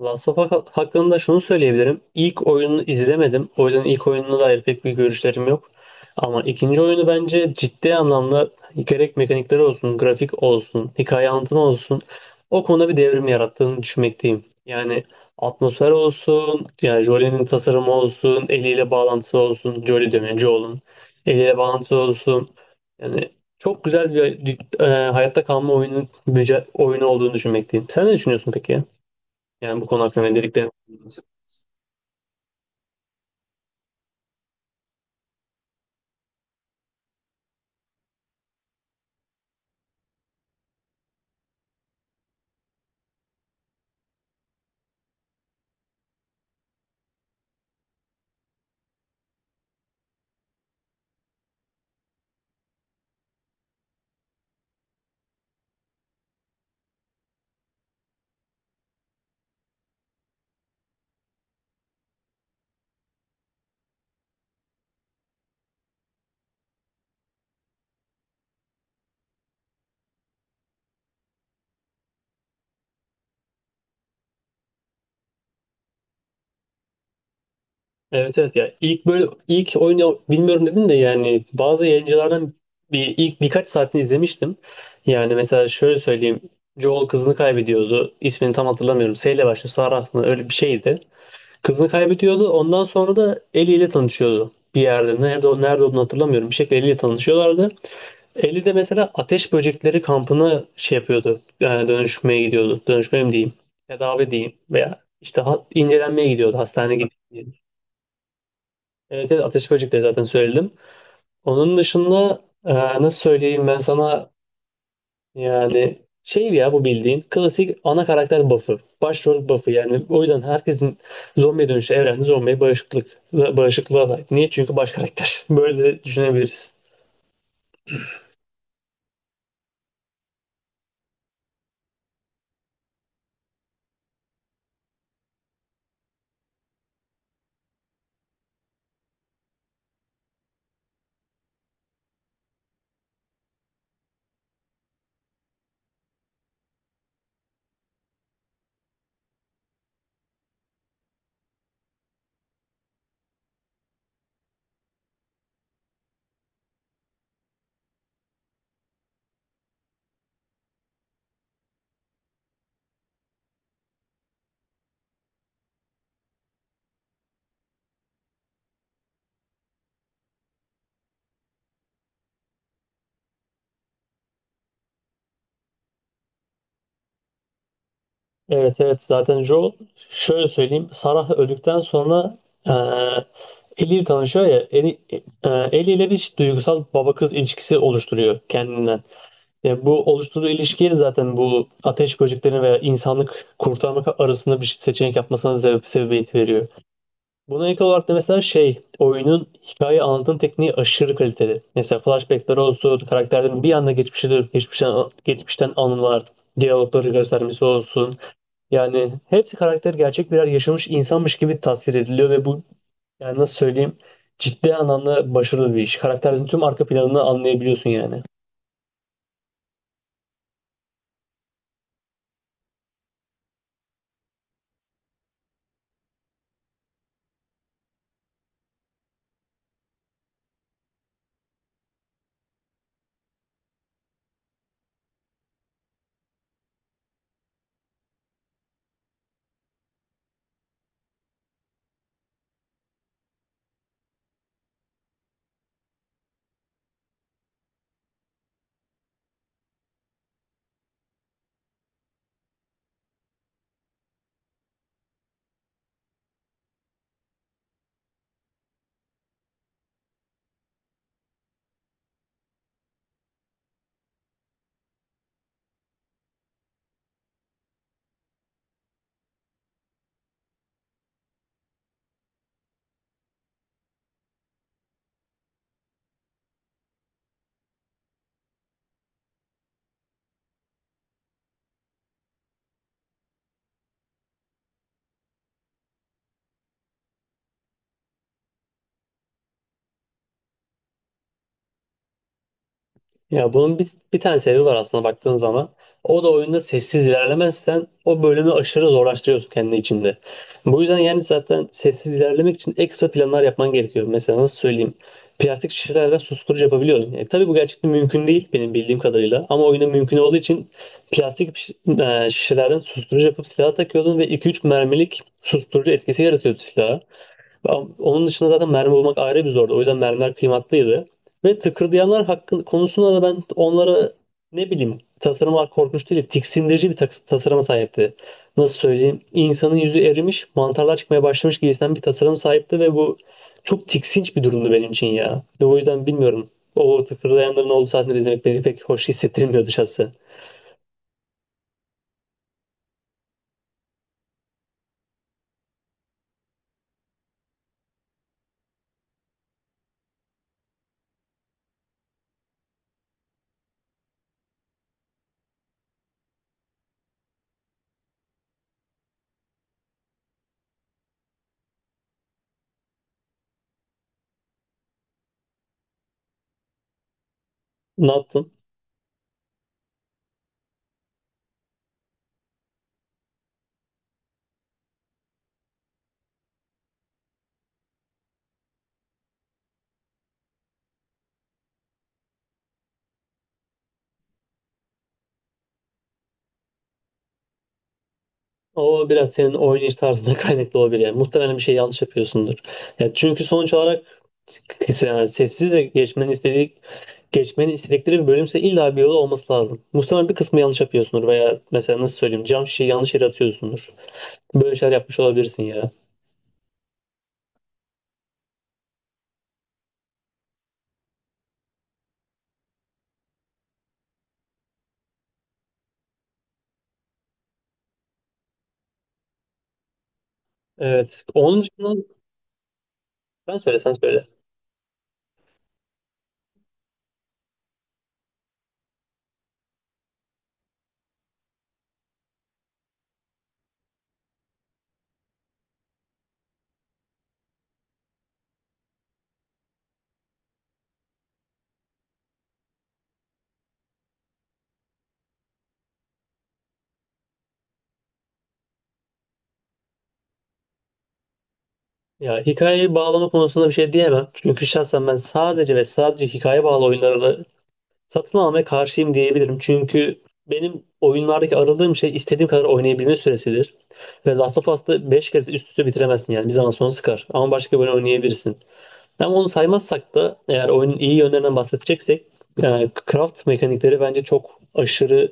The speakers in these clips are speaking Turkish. Last of Us hakkında şunu söyleyebilirim. İlk oyununu izlemedim. O yüzden ilk oyununa dair pek bir görüşlerim yok. Ama ikinci oyunu bence ciddi anlamda gerek mekanikleri olsun, grafik olsun, hikaye anlatımı olsun o konuda bir devrim yarattığını düşünmekteyim. Yani atmosfer olsun, yani Jolie'nin tasarımı olsun, eliyle bağlantısı olsun, Jolie diyorum yani Joel'un eliyle bağlantısı olsun. Yani çok güzel bir hayatta kalma oyunu, oyunu olduğunu düşünmekteyim. Sen ne düşünüyorsun peki? Yani bu konu hakkında öncelikle, evet, evet, ya ilk böyle ilk oyunu bilmiyorum dedin de yani bazı yayıncılardan bir ilk birkaç saatini izlemiştim. Yani mesela şöyle söyleyeyim. Joel kızını kaybediyordu. İsmini tam hatırlamıyorum. S ile başlıyor. Sarah mı? Öyle bir şeydi. Kızını kaybediyordu. Ondan sonra da Ellie ile tanışıyordu. Bir yerde. Nerede olduğunu hatırlamıyorum. Bir şekilde Ellie ile tanışıyorlardı. Eli de mesela ateş böcekleri kampına şey yapıyordu. Yani dönüşmeye gidiyordu. Dönüşmeye mi diyeyim? Tedavi diyeyim. Veya işte incelenmeye gidiyordu. Hastaneye gidiyordu. Evet, evet, ateş böcekleri zaten söyledim. Onun dışında nasıl söyleyeyim ben sana, yani şey ya, bu bildiğin klasik ana karakter buff'ı. Başrol buff'ı, yani o yüzden herkesin zombiye dönüşü evrende zombiye bağışıklığa sahip. Niye? Çünkü baş karakter. Böyle düşünebiliriz. Evet, evet, zaten Joel, şöyle söyleyeyim, Sarah öldükten sonra e, Ellie ile tanışıyor ya. Ellie, Ellie ile bir duygusal baba kız ilişkisi oluşturuyor kendinden. Yani bu oluşturduğu ilişkiye zaten bu ateş böceklerini veya insanlık kurtarmak arasında bir seçenek yapmasına sebebiyet veriyor. Buna ek olarak da mesela şey, oyunun hikaye anlatım tekniği aşırı kaliteli. Mesela flashbackler olsun, karakterlerin bir anda geçmişe dönüp geçmişten anılar, diyalogları göstermesi olsun. Yani hepsi karakter gerçek birer yaşamış insanmış gibi tasvir ediliyor ve bu, yani nasıl söyleyeyim, ciddi anlamda başarılı bir iş. Karakterin tüm arka planını anlayabiliyorsun yani. Ya bunun bir tane sebebi var aslında baktığın zaman. O da oyunda sessiz ilerlemezsen o bölümü aşırı zorlaştırıyorsun kendi içinde. Bu yüzden yani zaten sessiz ilerlemek için ekstra planlar yapman gerekiyor. Mesela nasıl söyleyeyim? Plastik şişelerden susturucu yapabiliyorsun. Tabii bu gerçekten mümkün değil benim bildiğim kadarıyla. Ama oyunda mümkün olduğu için şişelerden susturucu yapıp silaha takıyordun ve iki üç mermilik susturucu etkisi yaratıyordu silaha. Onun dışında zaten mermi bulmak ayrı bir zordu. O yüzden mermiler kıymatlıydı. Ve tıkırdayanlar hakkın konusunda da ben onlara, ne bileyim, tasarımlar korkunç değil, tiksindirici bir tasarıma sahipti. Nasıl söyleyeyim? İnsanın yüzü erimiş, mantarlar çıkmaya başlamış gibisinden bir tasarım sahipti ve bu çok tiksinç bir durumdu benim için ya. Ve o yüzden bilmiyorum. O tıkırdayanların olduğu sahneleri izlemek beni pek hoş hissettirmiyordu şahsen. Ne yaptın? O biraz senin oynayış tarzına kaynaklı olabilir yani. Muhtemelen bir şey yanlış yapıyorsundur. Ya çünkü sonuç olarak, yani sessiz ve geçmeni istedikleri bir bölümse illa bir yolu olması lazım. Muhtemelen bir kısmı yanlış yapıyorsundur veya mesela, nasıl söyleyeyim, cam şişeyi yanlış yere atıyorsundur. Böyle şeyler yapmış olabilirsin ya. Evet. Onun dışında ben söyle, sen söyle. Ya, hikayeyi bağlama konusunda bir şey diyemem. Çünkü şahsen ben sadece ve sadece hikaye bağlı oyunlara satın almaya karşıyım diyebilirim. Çünkü benim oyunlardaki aradığım şey istediğim kadar oynayabilme süresidir. Ve Last of Us'ta 5 kere üst üste bitiremezsin yani. Bir zaman sonra sıkar. Ama başka böyle oynayabilirsin. Ama onu saymazsak da, eğer oyunun iyi yönlerinden bahsedeceksek, yani craft mekanikleri bence çok aşırı,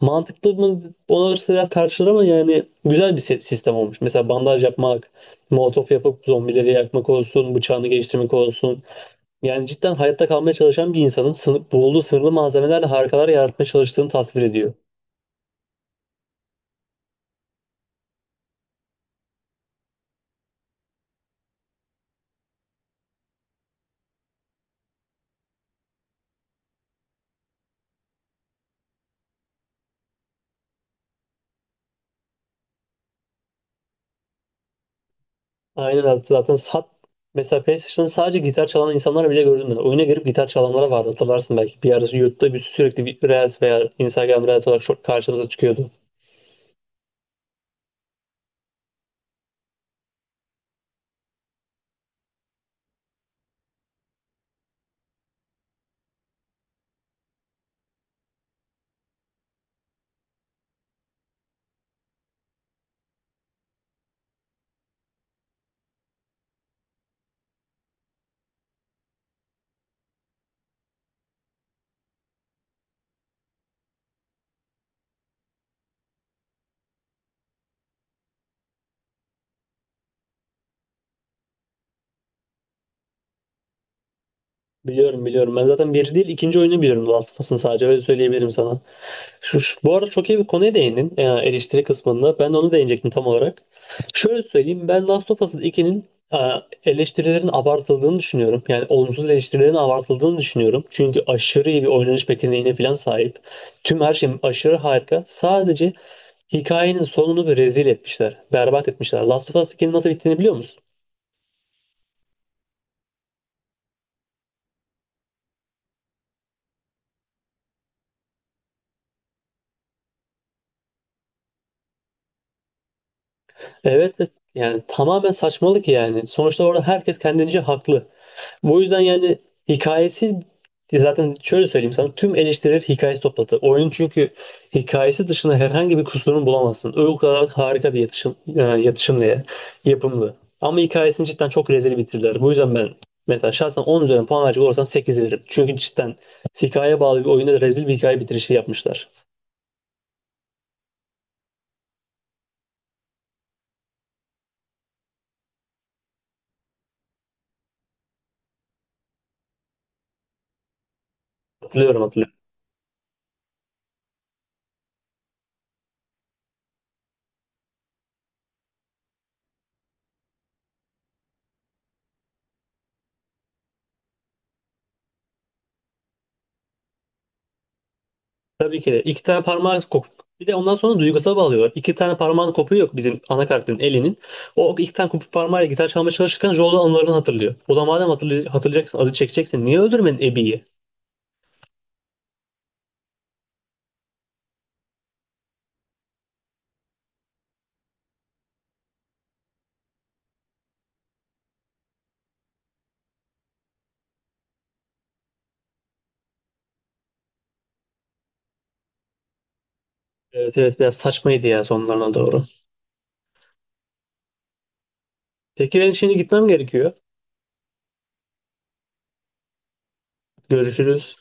mantıklı mı ona biraz tartışılır, ama yani güzel bir sistem olmuş. Mesela bandaj yapmak, molotof yapıp zombileri yakmak olsun, bıçağını geliştirmek olsun. Yani cidden hayatta kalmaya çalışan bir insanın, bulduğu sınırlı malzemelerle harikalar yaratmaya çalıştığını tasvir ediyor. Aynen öyle. Zaten mesela PlayStation'da sadece gitar çalan insanlar bile gördüm ben. Oyuna girip gitar çalanlara vardı, hatırlarsın belki. Bir ara YouTube'da bir sürekli bir Reels veya Instagram Reels olarak çok karşımıza çıkıyordu. Biliyorum, biliyorum. Ben zaten bir değil ikinci oyunu biliyorum The Last of Us'ın, sadece öyle söyleyebilirim sana. Bu arada çok iyi bir konuya değindin, eleştiri kısmında. Ben de onu değinecektim tam olarak. Şöyle söyleyeyim, ben Last of Us 2'nin e, eleştirilerin abartıldığını düşünüyorum. Yani olumsuz eleştirilerin abartıldığını düşünüyorum. Çünkü aşırı iyi bir oynanış mekaniğine falan sahip. Tüm her şey aşırı harika. Sadece hikayenin sonunu bir rezil etmişler. Berbat etmişler. Last of Us 2'nin nasıl bittiğini biliyor musun? Evet, evet. Yani tamamen saçmalık yani. Sonuçta orada herkes kendince haklı. Bu yüzden yani, hikayesi, zaten şöyle söyleyeyim sana, tüm eleştiriler hikayesi topladı. Oyunun çünkü hikayesi dışında herhangi bir kusurunu bulamazsın. O kadar harika bir yatışım, e, yatışımlı ya, yapımlı. Ama hikayesini cidden çok rezil bitirdiler. Bu yüzden ben mesela şahsen 10 üzerinden puan verecek olursam 8 veririm. Çünkü cidden hikayeye bağlı bir oyunda rezil bir hikaye bitirişi yapmışlar. Hatırlıyorum, hatırlıyorum. Tabii ki de. İki tane parmağı kopuyor. Bir de ondan sonra duygusal bağlıyorlar. İki tane parmağın kopuyor yok, bizim ana karakterin elinin. O iki tane kopuk parmağıyla gitar çalmaya çalışırken Joel'un anılarını hatırlıyor. O da, madem hatırlayacaksın, acı çekeceksin, niye öldürmedin Abby'yi? Evet, evet, biraz saçmaydı ya sonlarına doğru. Peki, ben şimdi gitmem gerekiyor. Görüşürüz.